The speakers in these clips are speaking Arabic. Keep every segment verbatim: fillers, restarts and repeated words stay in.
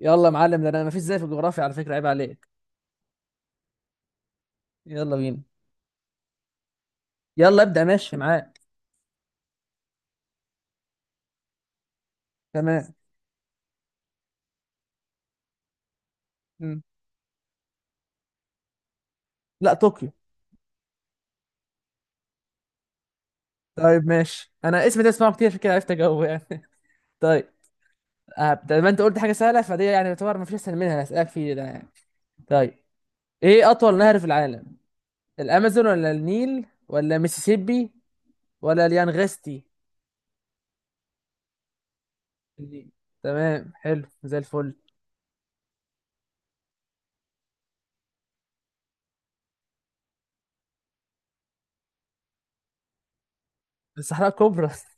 يلا يا معلم ده انا مفيش زي في الجغرافيا على فكره عيب عليك. يلا بينا. يلا ابدا ماشي معاك. تمام. مم. لا طوكيو. طيب ماشي انا اسمي ده اسمعه كتير عشان كده عرفت اجاوب يعني. طيب. آه، زي ما انت قلت حاجه سهله فدي يعني يعتبر مفيش اسهل منها اللي هسالك فيه ده يعني. طيب. ايه اطول نهر في العالم؟ الامازون ولا النيل ولا ميسيسيبي ولا اليانغستي؟ النيل. تمام حلو زي الفل. الصحراء الكبرى.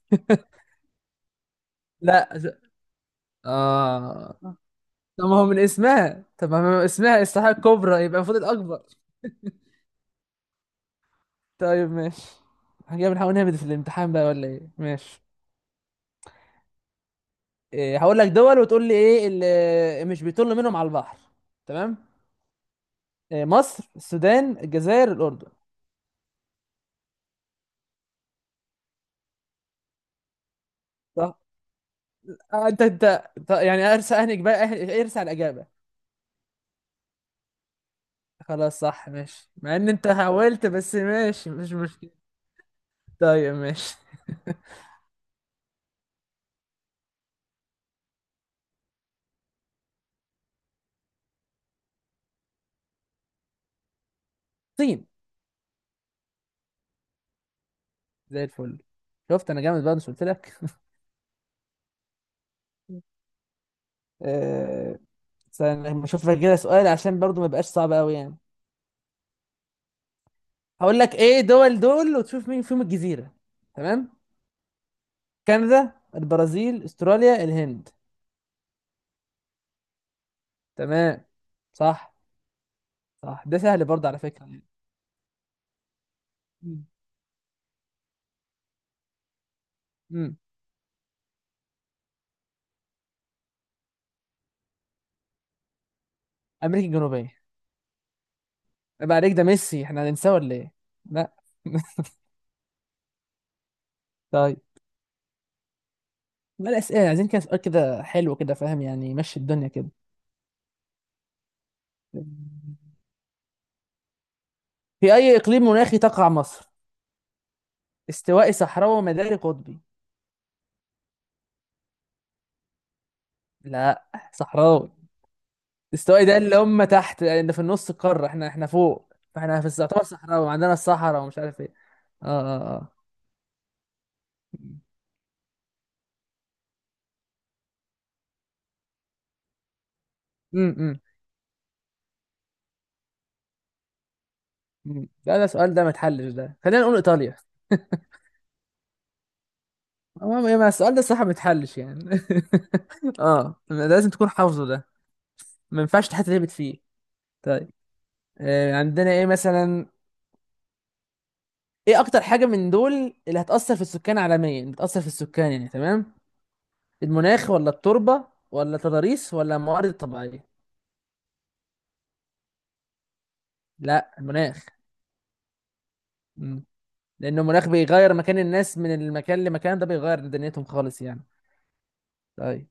لا، ز- اه. طب ما هو من اسمها طب ما هو من اسمها الصحراء الكبرى يبقى المفروض الاكبر. طيب ماشي. هنجي بنحاول نهبط في الامتحان بقى ولا ايه؟ ماشي. إيه هقول لك دول وتقول لي ايه اللي مش بيطل منهم على البحر. تمام. إيه مصر السودان الجزائر الاردن؟ صح. آه انت انت أنت- يعني ارسى اهنك بقى أه- ارسى على الاجابه. خلاص صح ماشي مع ان انت حاولت بس ماشي مش مشكله. طيب ماشي. الصين. زي الفل. شفت انا جامد بقى مش قلت لك. آه، استنى، لما اشوف لك كده سؤال عشان برضو ما يبقاش صعب قوي يعني. هقول لك ايه دول دول وتشوف مين فيهم الجزيرة. تمام. كندا البرازيل استراليا الهند. تمام. صح. صح ده سهل برضه على فكرة يعني. مم. مم. امريكا الجنوبية. عيب عليك ده ميسي احنا هننساه ولا ايه؟ لا. طيب. ما الاسئلة عايزين كده سؤال كده حلو كده فاهم يعني يمشي الدنيا كده. في اي اقليم مناخي تقع مصر؟ استوائي صحراوي ومداري قطبي؟ لا. صحراوي. استوائي ده اللي هم تحت اللي في النص القارة احنا احنا فوق فاحنا في الس- يعتبر صحراء وعندنا الصحراء ومش عارف ايه. اه اه اه. امم امم لا ده السؤال ده ما يتحلش ده خلينا نقول ايطاليا. هو ما ما السؤال ده الصراحة ما يتحلش يعني. اه ده لازم تكون حافظه ده. ما ينفعش تحتربت فيه. طيب. آه عندنا ايه مثلا. ايه اكتر حاجة من دول اللي هتأثر في السكان عالميا بتأثر في السكان يعني تمام. المناخ ولا التربة ولا التضاريس ولا الموارد الطبيعية؟ لا المناخ. لأنه المناخ بيغير مكان الناس من المكان لمكان ده بيغير دنيتهم خالص يعني. طيب.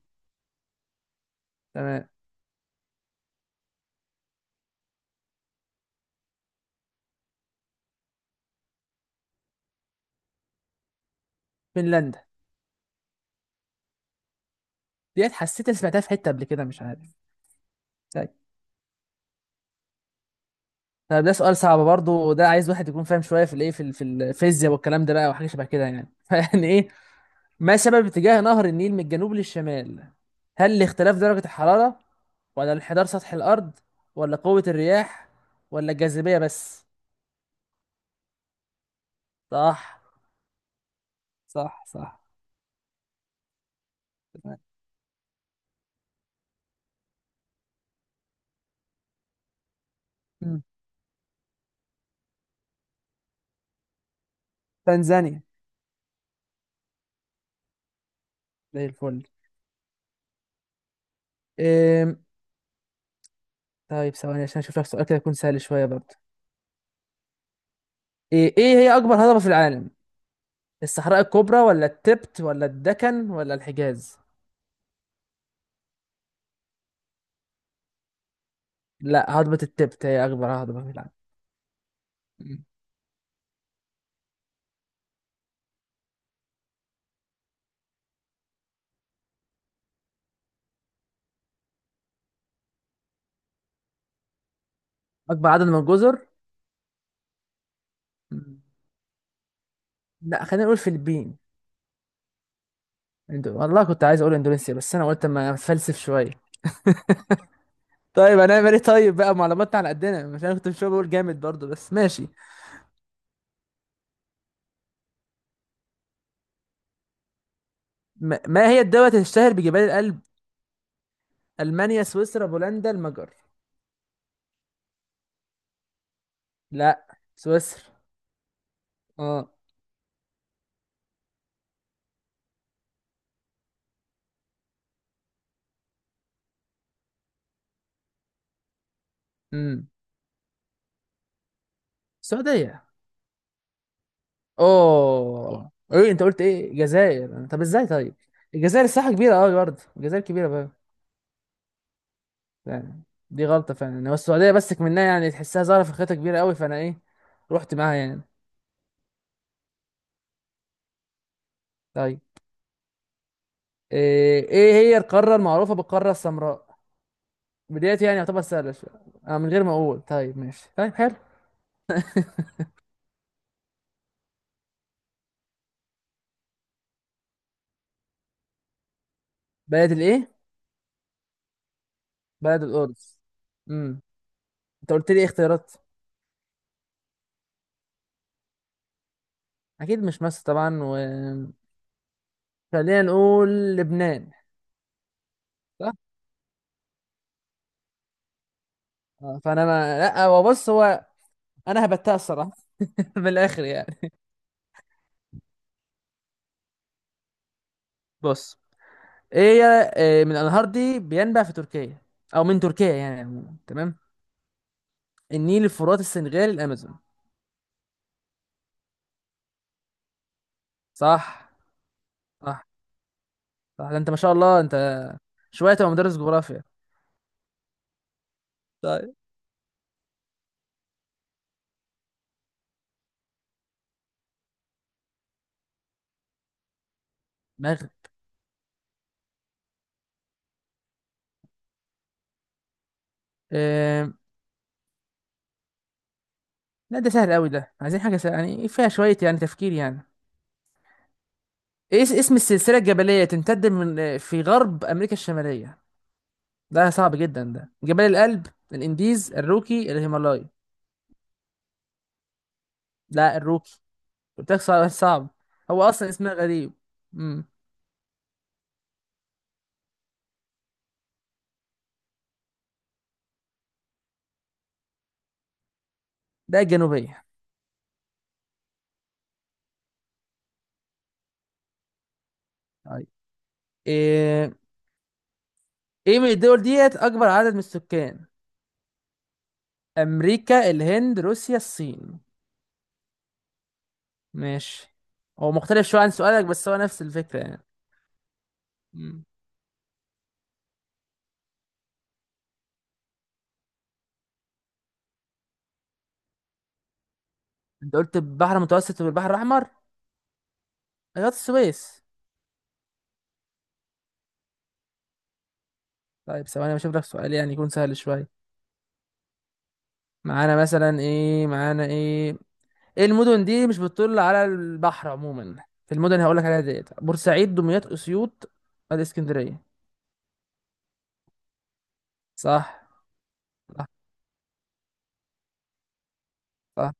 تمام. فنلندا. ديت حسيت إني سمعتها في حتة قبل كده مش عارف. طيب. طب ده سؤال صعب برضه وده عايز واحد يكون فاهم شوية في الإيه في ال- في الفيزياء والكلام ده بقى وحاجة شبه كده يعني. فيعني إيه. ما سبب اتجاه نهر النيل من الجنوب للشمال؟ هل لاختلاف درجة الحرارة ولا انحدار سطح الأرض ولا قوة الرياح ولا الجاذبية بس؟ صح. صح صح. تمام. مم. تنزانيا. زي الفل. إيه، طيب ثواني عشان اشوف لك سؤال كده يكون سهل شويه برضه. ايه ايه هي اكبر هضبه في العالم؟ الصحراء الكبرى ولا التبت ولا الدكن ولا الحجاز؟ لا هضبه التبت هي اكبر هضبه في العالم. مم. اكبر عدد من الجزر. مم. لا خلينا نقول فiliبين. اندو... والله كنت عايز اقول اندونيسيا بس انا قلت اما اتفلسف شويه. طيب هنعمل ايه طيب بقى معلوماتنا على قدنا مش انا كنت مش بقول جامد برضو بس ماشي. ما, ما هي الدولة اللي تشتهر بجبال الألب؟ المانيا سويسرا بولندا المجر؟ لا. سويسرا. اه. امم السعودية. اوه ايه انت قلت ايه الجزائر طب ازاي طيب. الجزائر الساحه كبيره قوي برضه الجزائر كبيره بقى. يعني. دي غلطه فعلا يعني. هو السعوديه بس منها يعني تحسها ظاهره في خيطه كبيره قوي فانا ايه رحت معاها يعني. طيب. ايه إيه هي القاره المعروفه بالقاره السمراء؟ بدايتي يعني يعتبر سهله شويه. آه من غير ما اقول طيب ماشي طيب حلو. بلد الايه. بلد القدس. امم انت قلت لي ايه اختيارات. اكيد مش مصر طبعا وخلينا نقول لبنان. صح؟ آه، فانا ما لا هو بص هو انا هبتها الصراحه. من الاخر يعني. بص. ايه. آه، من الانهار دي بينبع في تركيا او من تركيا يعني عموماً، تمام. النيل الفرات السنغال الامازون. صح. صح صح ده انت ما شاء الله انت شويه تبقى مدرس جغرافيا. طيب. مغرب. آه... لا ده سهل قوي ده عايزين حاجه سهل. يعني فيها شويه يعني تفكير يعني. ايه اس- اسم السلسله الجبليه تمتد من آه، في غرب امريكا الشماليه. ده صعب جدا ده جبال الألب. الانديز الروكي الهيمالايا؟ لا الروكي. قلت لك صعب صعب. هو اصلا اسمها غريب. امم. ده الجنوبيه. طيب. ايه ايه من الدول ديت اكبر عدد من السكان؟ امريكا الهند روسيا الصين؟ ماشي. هو مختلف شويه عن سؤالك بس هو نفس الفكره يعني. امم. انت قلت البحر المتوسط والبحر الاحمر. قناه السويس. طيب ثواني بشوف لك سؤال يعني يكون سهل شويه. معانا مثلا ايه معانا ايه. ايه المدن دي مش بتطل على البحر عموما. في المدن هقول لك عليها ديت بورسعيد دمياط اسيوط الاسكندريه؟ صح. صح صح.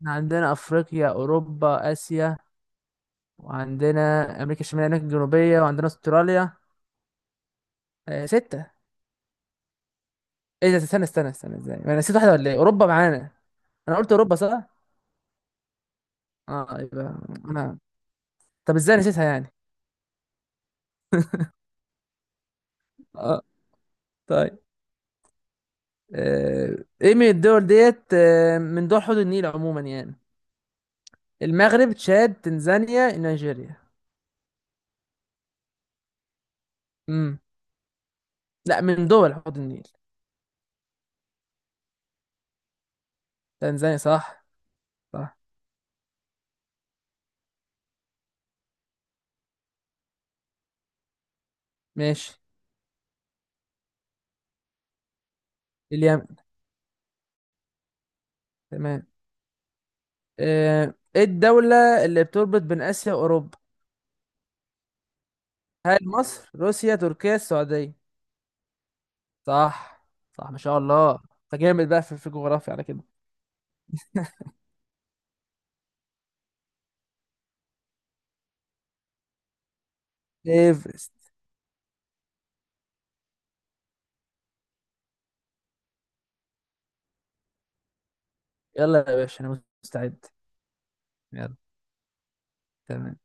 احنا عندنا افريقيا اوروبا اسيا وعندنا امريكا الشماليه امريكا الجنوبيه وعندنا استراليا. آه ستة. ايه ده استنى استنى استنى ازاي انا نسيت واحده ولا ايه اوروبا معانا؟ انا قلت اوروبا صح. اه يبقى انا. طب ازاي نسيتها يعني. اه. طيب. آه، ايه من الدول ديت آه، من دول حوض النيل عموما يعني. المغرب تشاد تنزانيا نيجيريا؟ امم. لا من دول حوض النيل. تنزانيا. صح. صح ماشي. اليمن. تمام. آه، ايه الدولة اللي بتربط بين آسيا وأوروبا؟ هل مصر، روسيا، تركيا، السعودية؟ صح. صح ما شاء الله انت جامد بقى في في الجغرافيا على كده. ايفرست. يلا يا باشا انا مستعد. يلا. تمام.